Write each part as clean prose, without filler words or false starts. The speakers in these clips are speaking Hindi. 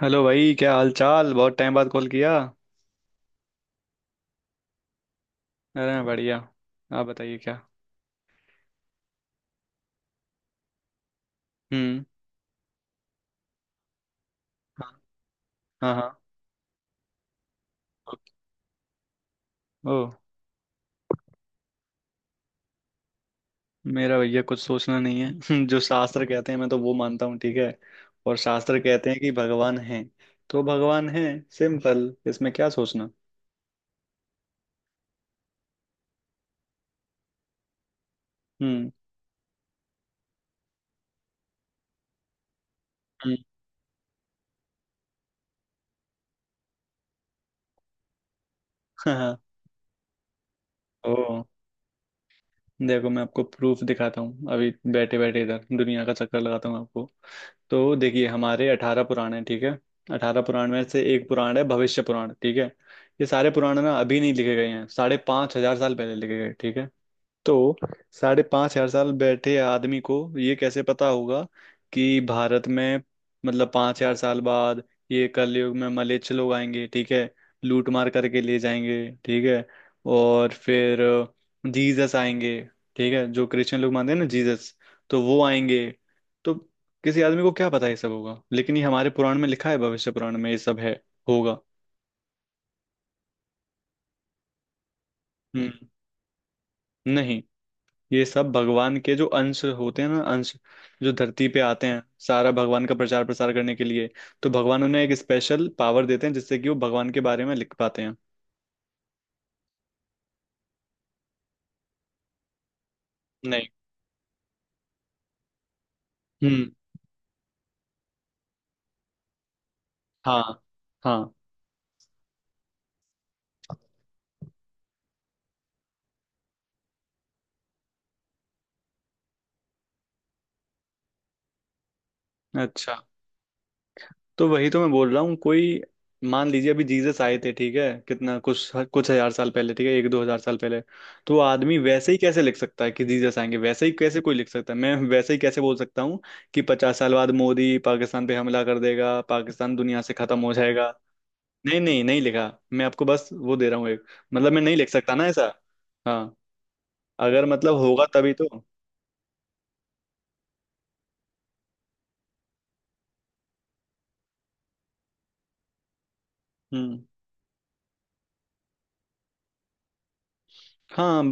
हेलो भाई, क्या हाल चाल। बहुत टाइम बाद कॉल किया। अरे मैं बढ़िया। आप बताइए क्या। हम्म। हाँ हाँ। हाँ। ओके। ओ। मेरा भैया कुछ सोचना नहीं है। जो शास्त्र कहते हैं, मैं तो वो मानता हूँ, ठीक है। और शास्त्र कहते हैं कि भगवान है, तो भगवान है। सिंपल, इसमें क्या सोचना। हम्म। हम्म, हाँ हाँ। ओ। देखो, मैं आपको प्रूफ दिखाता हूँ अभी, बैठे बैठे इधर दुनिया का चक्कर लगाता हूँ आपको। तो देखिए, हमारे 18 पुराण हैं, ठीक है। 18 पुराण में से एक पुराण है भविष्य पुराण, ठीक है। ये सारे पुराण ना अभी नहीं लिखे गए हैं, 5,500 साल पहले लिखे गए, ठीक है। तो 5,500 साल बैठे आदमी को ये कैसे पता होगा कि भारत में, मतलब 5,000 साल बाद, ये कलयुग में मलेच्छ लोग आएंगे, ठीक है। लूट मार करके ले जाएंगे, ठीक है। और फिर जीसस आएंगे, ठीक है, जो क्रिश्चियन लोग मानते हैं ना, जीसस, तो वो आएंगे। तो किसी आदमी को क्या पता ये सब होगा, लेकिन ये हमारे पुराण में लिखा है, भविष्य पुराण में ये सब है। होगा। हम्म। नहीं, ये सब भगवान के जो अंश होते हैं ना, अंश, जो धरती पे आते हैं सारा भगवान का प्रचार प्रसार करने के लिए। तो भगवान उन्हें एक स्पेशल पावर देते हैं जिससे कि वो भगवान के बारे में लिख पाते हैं। नहीं। हम्म। हाँ। हाँ। अच्छा, तो वही तो मैं बोल रहा हूँ। कोई, मान लीजिए अभी जीसस आए थे, ठीक है, कितना कुछ कुछ हजार साल पहले, ठीक है, 1–2 हजार साल पहले। तो वो आदमी वैसे ही कैसे लिख सकता है कि जीसस आएंगे, वैसे ही कैसे कोई लिख सकता है, मैं वैसे ही कैसे बोल सकता हूँ कि 50 साल बाद मोदी पाकिस्तान पे हमला कर देगा, पाकिस्तान दुनिया से खत्म हो जाएगा। नहीं नहीं, नहीं लिखा। मैं आपको बस वो दे रहा हूँ एक, मतलब मैं नहीं लिख सकता ना ऐसा। हाँ। अगर मतलब होगा तभी तो। हम्म। हाँ।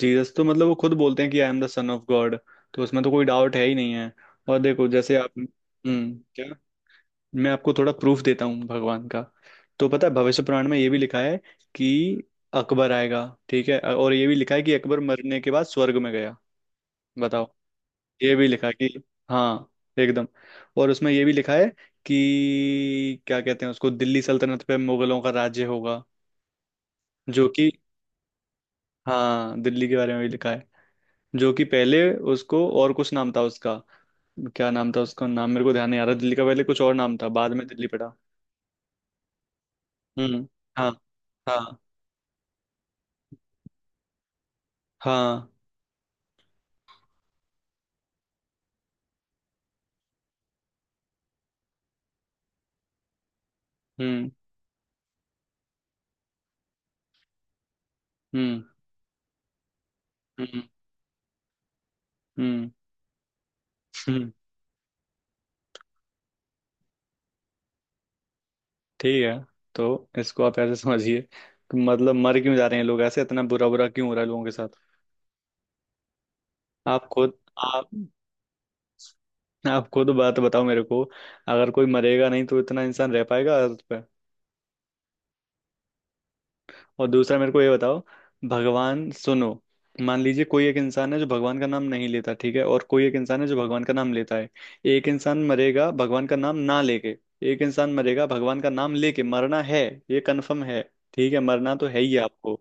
जीसस तो, मतलब, वो खुद बोलते हैं कि I am the son of God. तो उसमें तो कोई डाउट है ही नहीं है। और देखो, जैसे आप, क्या। मैं आपको थोड़ा प्रूफ देता हूँ भगवान का। तो पता है, भविष्य पुराण में ये भी लिखा है कि अकबर आएगा, ठीक है। और ये भी लिखा है कि अकबर मरने के बाद स्वर्ग में गया। बताओ। ये भी लिखा है कि हाँ, एकदम। और उसमें ये भी लिखा है कि क्या कहते हैं उसको, दिल्ली सल्तनत पे मुगलों का राज्य होगा, जो कि, हाँ, दिल्ली के बारे में भी लिखा है। जो कि पहले उसको और कुछ नाम था उसका। क्या नाम था, उसका नाम मेरे को ध्यान नहीं आ रहा। दिल्ली का पहले कुछ और नाम था, बाद में दिल्ली पड़ा। हम्म। हाँ। हाँ। हाँ। हम्म। हम्म। हम्म। हम्म। हम्म, ठीक है। तो इसको आप ऐसे समझिए कि मतलब मर क्यों जा रहे हैं लोग, ऐसे इतना बुरा बुरा क्यों हो रहा है लोगों के साथ। आप खुद, आप आप खुद बात बताओ मेरे को। अगर कोई मरेगा नहीं तो इतना इंसान रह पाएगा अर्थ पे? और दूसरा मेरे को ये बताओ, भगवान, सुनो। मान लीजिए कोई एक इंसान है जो भगवान का नाम नहीं लेता, ठीक है, और कोई एक इंसान है जो भगवान का नाम लेता है। एक इंसान मरेगा भगवान का नाम ना लेके, एक इंसान मरेगा भगवान का नाम लेके। मरना है, ये कन्फर्म है, ठीक है। मरना तो है ही आपको।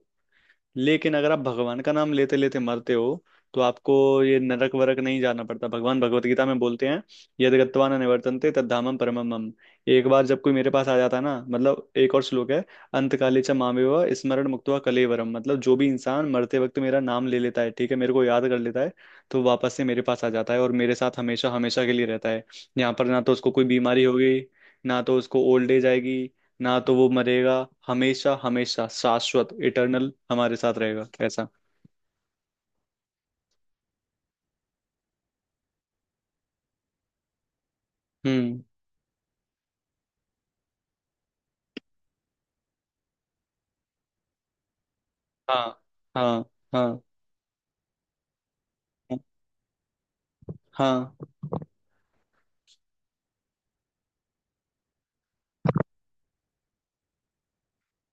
लेकिन अगर आप भगवान का नाम लेते लेते मरते हो, तो आपको ये नरक वरक नहीं जाना पड़ता। भगवान भगवत गीता में बोलते हैं, यद गत्वा न निवर्तन्ते तद धामम परमम मम। एक बार जब कोई मेरे पास आ जाता है ना, मतलब एक और श्लोक है, अंतकाले च मामेव स्मरण मुक्त्वा कलेवरम। मतलब जो भी इंसान मरते वक्त मेरा नाम ले लेता है, ठीक है, मेरे को याद कर लेता है, तो वापस से मेरे पास आ जाता है और मेरे साथ हमेशा हमेशा के लिए रहता है। यहाँ पर ना तो उसको कोई बीमारी होगी, ना तो उसको ओल्ड एज आएगी, ना तो वो मरेगा। हमेशा हमेशा, शाश्वत, इटर्नल, हमारे साथ रहेगा, ऐसा। हम्म। हाँ। हाँ। हाँ। हाँ।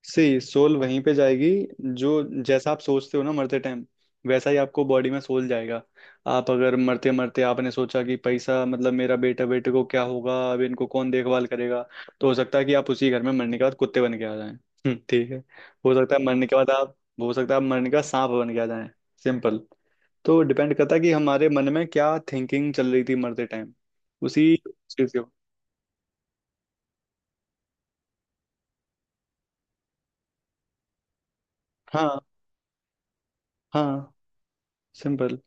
सी, सोल वहीं पे जाएगी, जो, जैसा आप सोचते हो ना मरते टाइम, वैसा ही आपको बॉडी में सोल जाएगा। आप अगर मरते मरते आपने सोचा कि पैसा, मतलब मेरा बेटा, बेटे को क्या होगा, अब इनको कौन देखभाल करेगा, तो हो सकता है कि आप उसी घर में मरने के बाद कुत्ते बन के आ जाएं। ठीक है। हो सकता है मरने के बाद आप, हो सकता है आप मरने के बाद सांप बन के आ जाएं। सिंपल। तो डिपेंड करता है कि हमारे मन में क्या थिंकिंग चल रही थी मरते टाइम, उसी चीज के। हाँ। हाँ। सिंपल।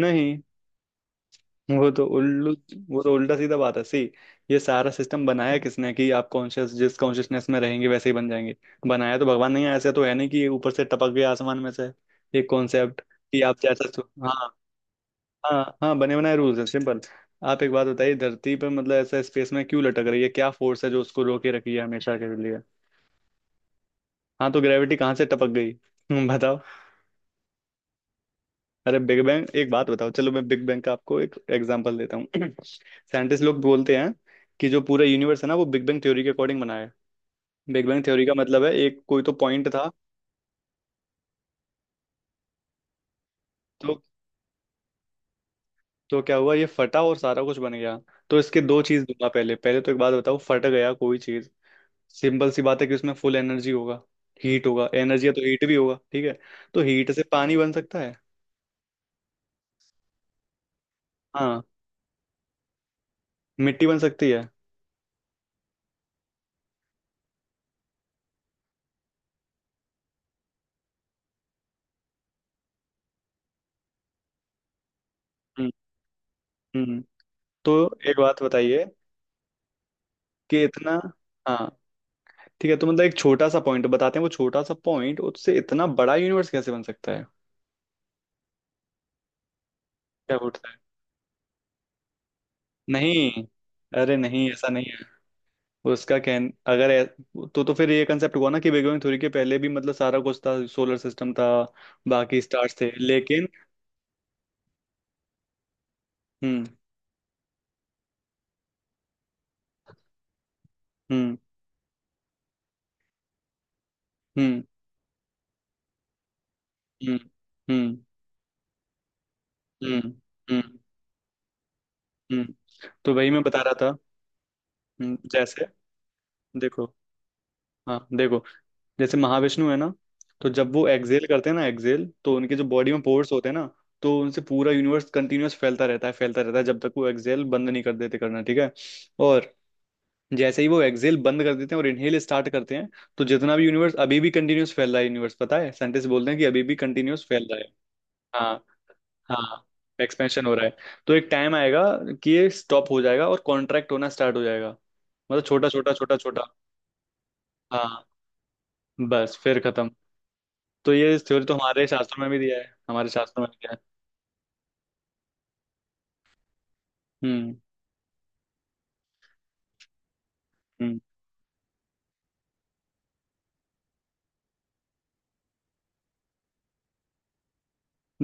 नहीं, वो तो उल्लू। वो तो उल्टा सीधा बात है। सी, ये सारा सिस्टम बनाया किसने कि आप कॉन्शियस, जिस कॉन्शियसनेस में रहेंगे वैसे ही बन जाएंगे? बनाया तो भगवान ने ही है, ऐसे तो है नहीं कि ये ऊपर से टपक गया आसमान में से। ये कॉन्सेप्ट कि आप जैसा हाँ। हाँ हाँ, बने बनाए रूल्स है, सिंपल। आप एक बात बताइए, धरती पर, मतलब ऐसा स्पेस में क्यों लटक रही है, क्या फोर्स है जो उसको रोके रखी है हमेशा के लिए? हाँ, तो ग्रेविटी कहाँ से टपक गई? बताओ। अरे बिग बैंग, एक बात बताओ। चलो, मैं बिग बैंग का आपको एक एग्जांपल देता हूँ। साइंटिस्ट लोग बोलते हैं कि जो पूरा यूनिवर्स है ना, वो बिग बैंग थ्योरी के अकॉर्डिंग बना है। बिग बैंग थ्योरी का मतलब है एक कोई तो पॉइंट था। तो तो क्या हुआ, ये फटा और सारा कुछ बन गया? तो इसके दो चीज दूंगा। पहले पहले तो एक बात बताओ, फट गया कोई चीज, सिंपल सी बात है कि उसमें फुल एनर्जी होगा, हीट होगा। एनर्जी है तो हीट भी होगा, ठीक है। तो हीट से पानी बन सकता है। हाँ, मिट्टी बन सकती है। हम्म। हम्म। तो एक बात बताइए कि इतना, हाँ, ठीक है, तो मतलब एक छोटा सा पॉइंट बताते हैं, वो छोटा सा पॉइंट उससे इतना बड़ा यूनिवर्स कैसे बन सकता है? क्या बोलता है। नहीं, अरे नहीं, ऐसा नहीं है। उसका कहन अगर तो फिर ये कंसेप्ट हुआ ना कि बिग बैंग थ्योरी के पहले भी, मतलब सारा कुछ था, सोलर सिस्टम था, बाकी स्टार्स थे, लेकिन। हम्म। हम्म। हम्म। हम्म। हम्म। हम्म। हम्म। हम्म। तो वही मैं बता रहा था। जैसे देखो। हाँ देखो, जैसे महाविष्णु है ना, तो जब वो एक्सहेल करते हैं ना, एक्सहेल, तो उनके जो बॉडी में पोर्स होते हैं ना, तो उनसे पूरा यूनिवर्स कंटिन्यूअस फैलता रहता है, फैलता रहता है, जब तक वो एक्सहेल बंद नहीं कर देते करना, ठीक है। और जैसे ही वो एक्सहेल बंद कर देते हैं और इनहेल स्टार्ट करते हैं, तो जितना भी यूनिवर्स अभी भी कंटिन्यूअस फैल रहा है, यूनिवर्स, पता है, साइंटिस्ट बोलते हैं कि अभी भी कंटिन्यूअस फैल रहा है। हाँ। हाँ, एक्सपेंशन हो रहा है। तो एक टाइम आएगा कि ये स्टॉप हो जाएगा और कॉन्ट्रैक्ट होना स्टार्ट हो जाएगा, मतलब छोटा छोटा छोटा छोटा। हाँ, बस फिर खत्म। तो ये थ्योरी तो हमारे शास्त्रों में भी दिया है, हमारे शास्त्रों में भी दिया है। हम्म। हम्म।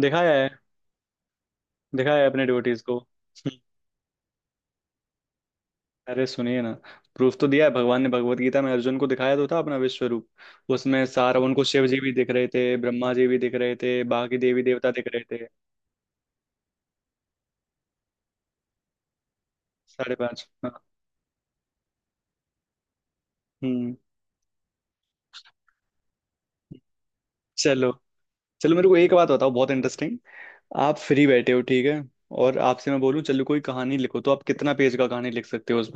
दिखाया है, दिखाया है अपने डिवोटीज को। अरे सुनिए ना, प्रूफ तो दिया है भगवान ने। भगवत गीता में अर्जुन को दिखाया तो था अपना विश्व रूप। उसमें सारा उनको शिव जी भी दिख रहे थे, ब्रह्मा जी भी दिख रहे थे, बाकी देवी देवता दिख रहे थे। साढ़े पांच, हाँ। हम्म। चलो, चलो मेरे को एक बात बताओ, बहुत इंटरेस्टिंग। आप फ्री बैठे हो, ठीक है, और आपसे मैं बोलूं चलो कोई कहानी लिखो, तो आप कितना पेज का कहानी लिख सकते हो उस?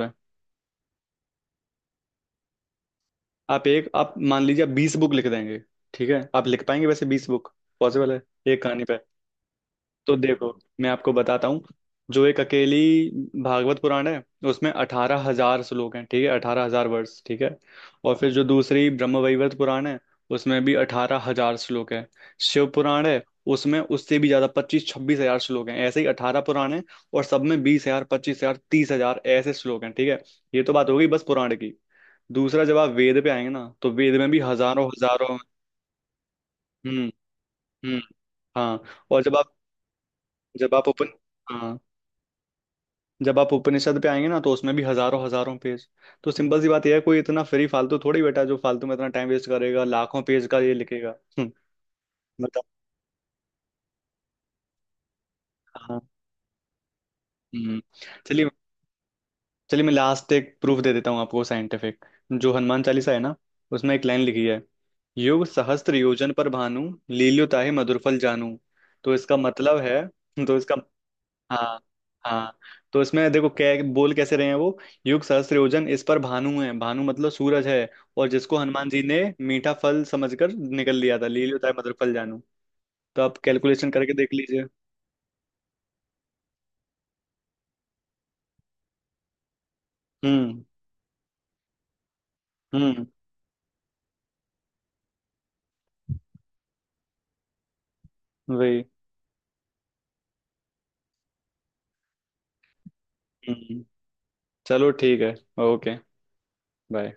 आप मान लीजिए आप 20 बुक लिख देंगे, ठीक है, आप लिख पाएंगे वैसे 20 बुक, पॉसिबल है, एक कहानी पे? तो देखो, मैं आपको बताता हूँ। जो एक अकेली भागवत पुराण है, उसमें 18,000 श्लोक हैं, ठीक है, 18,000 वर्ष, ठीक है। और फिर जो दूसरी ब्रह्मवैवर्त पुराण है, उसमें भी 18,000 श्लोक है। शिव पुराण है, उसमें उससे भी ज्यादा, 25–26 हजार श्लोक हैं। ऐसे ही 18 पुराण हैं, और सब में 20,000, 25,000, 30,000 ऐसे श्लोक हैं, ठीक है। ये तो बात हो गई बस पुराण की। दूसरा जब आप वेद पे आएंगे ना, तो वेद में भी हजारों हजारों। हम्म। हम्म। हाँ। और जब आप, जब आप उपन हाँ जब आप उपनिषद पे आएंगे ना, तो उसमें भी हजारों हजारों पेज। तो सिंपल सी बात यह है, कोई इतना फ्री फालतू थोड़ी बैठा है जो फालतू में इतना टाइम वेस्ट करेगा, लाखों पेज का ये लिखेगा। हम्म, बताओ। हाँ। हम्म। चलिए, चलिए मैं लास्ट एक प्रूफ दे देता हूँ आपको, साइंटिफिक। जो हनुमान चालीसा है ना, उसमें एक लाइन लिखी है, युग सहस्त्र योजन पर भानु, लील्यो ताहि मधुर फल जानू। तो इसका मतलब है, तो इसका, हाँ, हाँ, तो इसमें देखो क्या बोल कैसे रहे हैं वो। युग सहस्त्र योजन इस पर भानु है। भानु मतलब सूरज है, और जिसको हनुमान जी ने मीठा फल समझकर निकल लिया था, ले लिया, मधुर फल जानू। तो आप कैलकुलेशन करके देख लीजिए। हम्म। हम्म। वही। हम्म। चलो ठीक है। ओके। बाय।